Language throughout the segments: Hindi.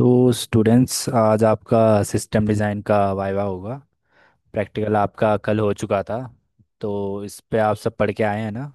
तो स्टूडेंट्स आज आपका सिस्टम डिज़ाइन का वाइवा होगा। प्रैक्टिकल आपका कल हो चुका था, तो इस पे आप सब पढ़ के आए हैं ना।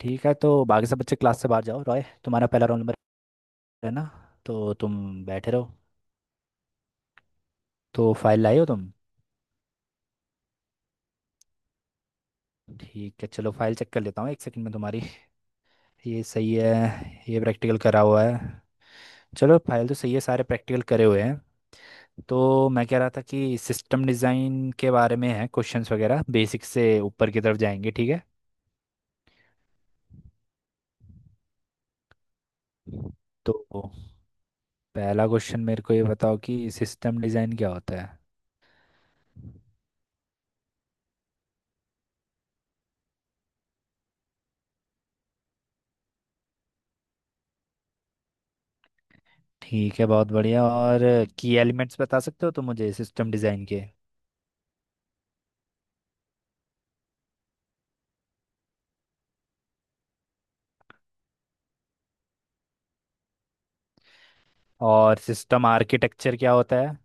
ठीक है, तो बाकी सब बच्चे क्लास से बाहर जाओ। रॉय, तुम्हारा पहला रोल नंबर है ना, तो तुम बैठे रहो। तो फाइल लाए हो तुम? ठीक है, चलो फाइल चेक कर लेता हूँ एक सेकंड में तुम्हारी। ये सही है, ये प्रैक्टिकल करा हुआ है। चलो फाइल तो सही है, सारे प्रैक्टिकल करे हुए हैं। तो मैं कह रहा था कि सिस्टम डिज़ाइन के बारे में है क्वेश्चंस वगैरह, बेसिक से ऊपर की तरफ जाएंगे, ठीक है। तो पहला क्वेश्चन मेरे को ये बताओ कि सिस्टम डिज़ाइन क्या होता है। ठीक है, बहुत बढ़िया। और की एलिमेंट्स बता सकते हो तो मुझे सिस्टम डिज़ाइन के। और सिस्टम आर्किटेक्चर क्या होता है?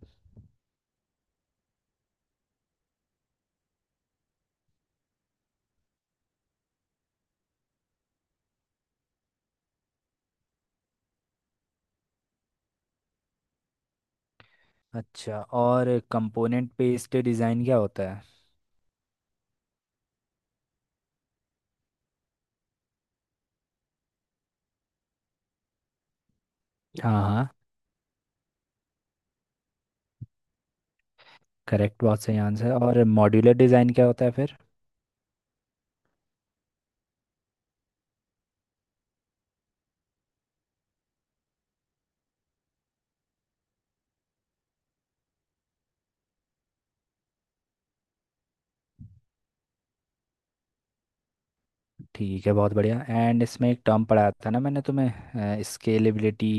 अच्छा, और कंपोनेंट बेस्ड डिज़ाइन क्या होता है? हाँ हाँ। करेक्ट, बहुत सही आंसर। और मॉड्यूलर डिज़ाइन क्या होता है फिर? ठीक है, बहुत बढ़िया। एंड इसमें एक टर्म पढ़ाया था ना मैंने तुम्हें, स्केलेबिलिटी।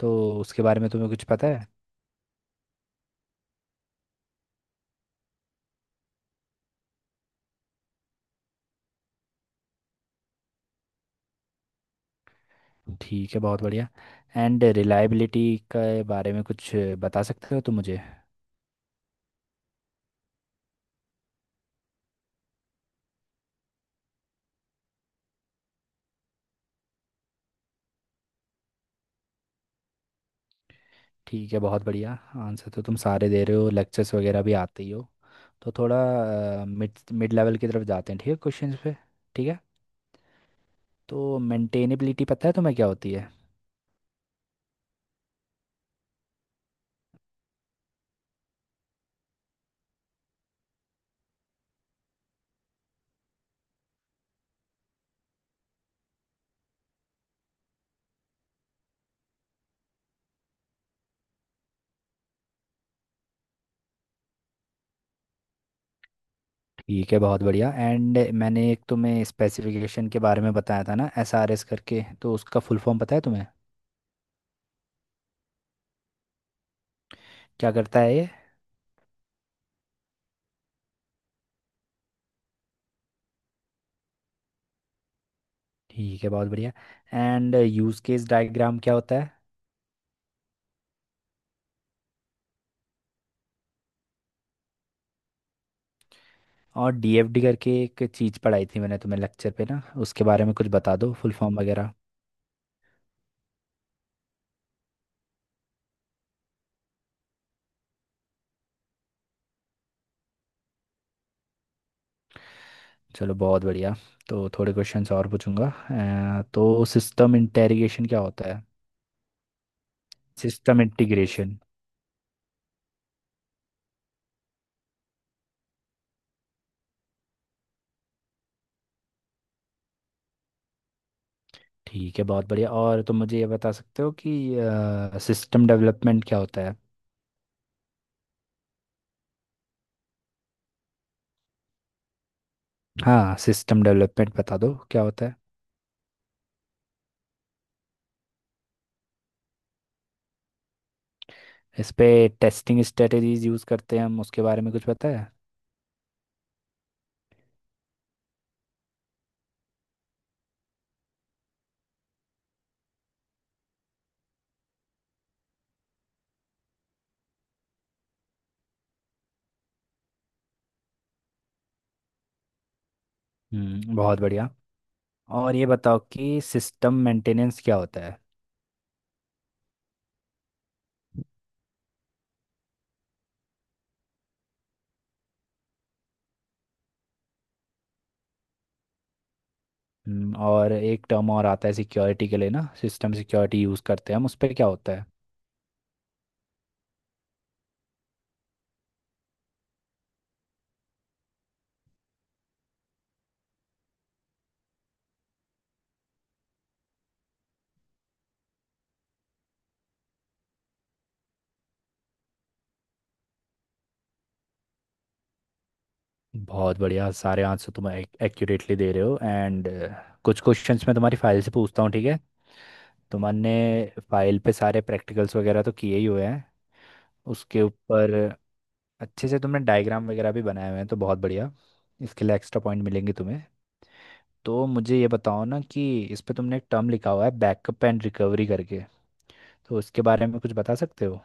तो उसके बारे में तुम्हें कुछ पता है? ठीक है, बहुत बढ़िया। एंड रिलायबिलिटी के बारे में कुछ बता सकते हो तुम मुझे? ठीक है, बहुत बढ़िया। आंसर तो तुम सारे दे रहे हो, लेक्चर्स वगैरह भी आते ही हो। तो थोड़ा मिड मिड लेवल की तरफ जाते हैं, ठीक है, क्वेश्चंस पे। ठीक है, तो मेंटेनेबिलिटी पता है तुम्हें क्या होती है? ठीक है, बहुत बढ़िया। एंड मैंने एक तुम्हें स्पेसिफिकेशन के बारे में बताया था ना, SRS करके, तो उसका फुल फॉर्म पता है तुम्हें? क्या करता है ये? ठीक है, बहुत बढ़िया। एंड यूज़ केस डायग्राम क्या होता है? और DFD करके एक चीज़ पढ़ाई थी मैंने तुम्हें लेक्चर पे ना, उसके बारे में कुछ बता दो, फुल फॉर्म वगैरह। चलो, बहुत बढ़िया। तो थोड़े क्वेश्चंस और पूछूंगा। तो सिस्टम इंटेरिगेशन क्या होता है? System integration. ठीक है, बहुत बढ़िया। और तुम मुझे ये बता सकते हो कि सिस्टम डेवलपमेंट क्या होता है? हाँ, सिस्टम डेवलपमेंट बता दो क्या होता है। इस पे टेस्टिंग स्ट्रेटेजीज यूज़ करते हैं हम, उसके बारे में कुछ पता है? बहुत बढ़िया। और ये बताओ कि सिस्टम मेंटेनेंस क्या होता है? और एक टर्म और आता है सिक्योरिटी के लिए ना, सिस्टम सिक्योरिटी यूज़ करते हैं हम उस पे, क्या होता है? बहुत बढ़िया, सारे आंसर तुम एक्यूरेटली दे रहे हो। एंड कुछ क्वेश्चंस मैं तुम्हारी फाइल से पूछता हूँ, ठीक है। तुमने फाइल पे सारे प्रैक्टिकल्स वगैरह तो किए ही हुए हैं। उसके ऊपर अच्छे से तुमने डायग्राम वगैरह भी बनाए हुए हैं, तो बहुत बढ़िया। इसके लिए एक्स्ट्रा पॉइंट मिलेंगे तुम्हें। तो मुझे ये बताओ ना कि इस पे तुमने एक टर्म लिखा हुआ है, बैकअप एंड रिकवरी करके, तो उसके बारे में कुछ बता सकते हो?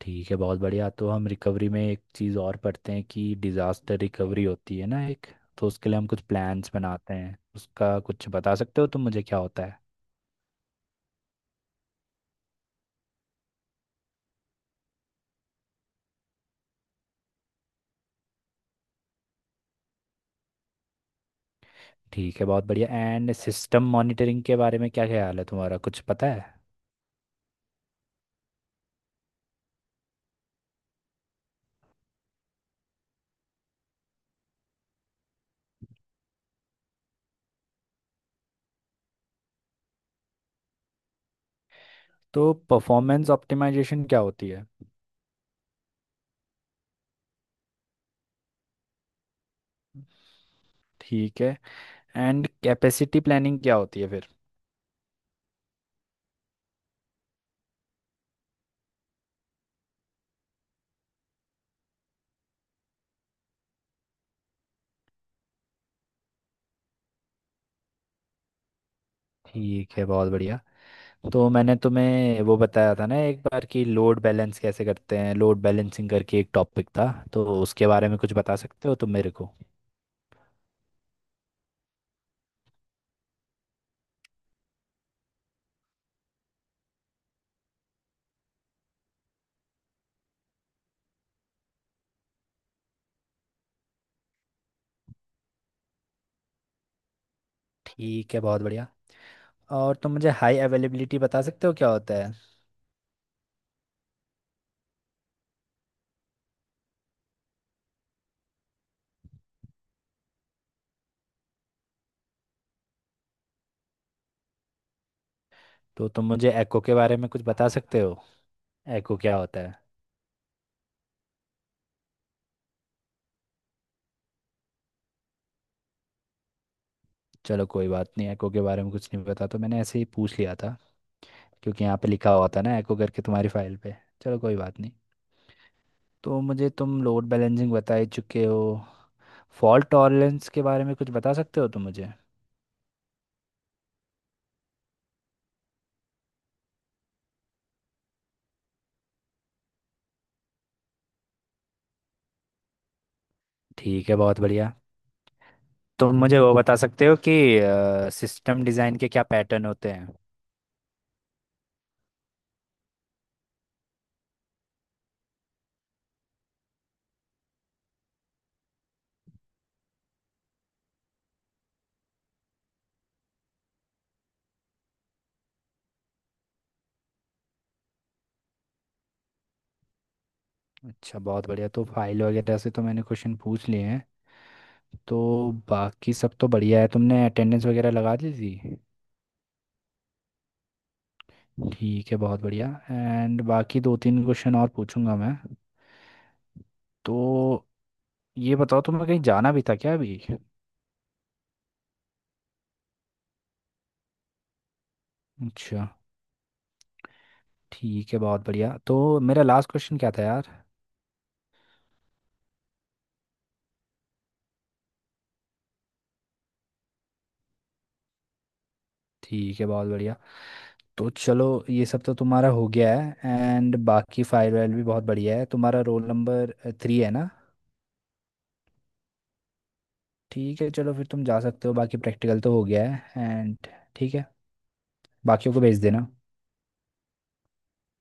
ठीक है, बहुत बढ़िया। तो हम रिकवरी में एक चीज़ और पढ़ते हैं कि डिज़ास्टर रिकवरी होती है ना एक, तो उसके लिए हम कुछ प्लान्स बनाते हैं, उसका कुछ बता सकते हो तुम मुझे क्या होता है? ठीक है, बहुत बढ़िया। एंड सिस्टम मॉनिटरिंग के बारे में क्या ख्याल है तुम्हारा, कुछ पता है? तो परफॉर्मेंस ऑप्टिमाइजेशन क्या होती है? ठीक है। एंड कैपेसिटी प्लानिंग क्या होती है फिर? ठीक है, बहुत बढ़िया। तो मैंने तुम्हें वो बताया था ना एक बार कि लोड बैलेंस कैसे करते हैं, लोड बैलेंसिंग करके एक टॉपिक था, तो उसके बारे में कुछ बता सकते हो तुम मेरे को? ठीक है, बहुत बढ़िया। और तुम मुझे हाई अवेलेबिलिटी बता सकते हो क्या होता है? तो तुम मुझे एको के बारे में कुछ बता सकते हो, एको क्या होता है? चलो कोई बात नहीं, एको के बारे में कुछ नहीं पता, तो मैंने ऐसे ही पूछ लिया था क्योंकि यहाँ पे लिखा हुआ था ना एको करके तुम्हारी फाइल पे। चलो कोई बात नहीं। तो मुझे तुम लोड बैलेंसिंग बता ही चुके हो, फॉल्ट टॉलरेंस के बारे में कुछ बता सकते हो तुम मुझे? ठीक है, बहुत बढ़िया। तुम मुझे वो बता सकते हो कि सिस्टम डिज़ाइन के क्या पैटर्न होते हैं? अच्छा, बहुत बढ़िया। तो फाइल वगैरह से तो मैंने क्वेश्चन पूछ लिए हैं, तो बाकी सब तो बढ़िया है, तुमने अटेंडेंस वगैरह लगा दी थी। ठीक है, बहुत बढ़िया। एंड बाकी दो तीन क्वेश्चन और पूछूंगा मैं, तो ये बताओ तुम्हें कहीं जाना भी था क्या अभी? अच्छा, ठीक है, बहुत बढ़िया। तो मेरा लास्ट क्वेश्चन क्या था यार? ठीक है, बहुत बढ़िया। तो चलो ये सब तो तुम्हारा हो गया है। एंड बाकी फायर वायर भी बहुत बढ़िया है तुम्हारा। रोल नंबर 3 है ना? ठीक है, चलो फिर तुम जा सकते हो, बाकी प्रैक्टिकल तो हो गया है। एंड ठीक है, बाकियों को भेज देना।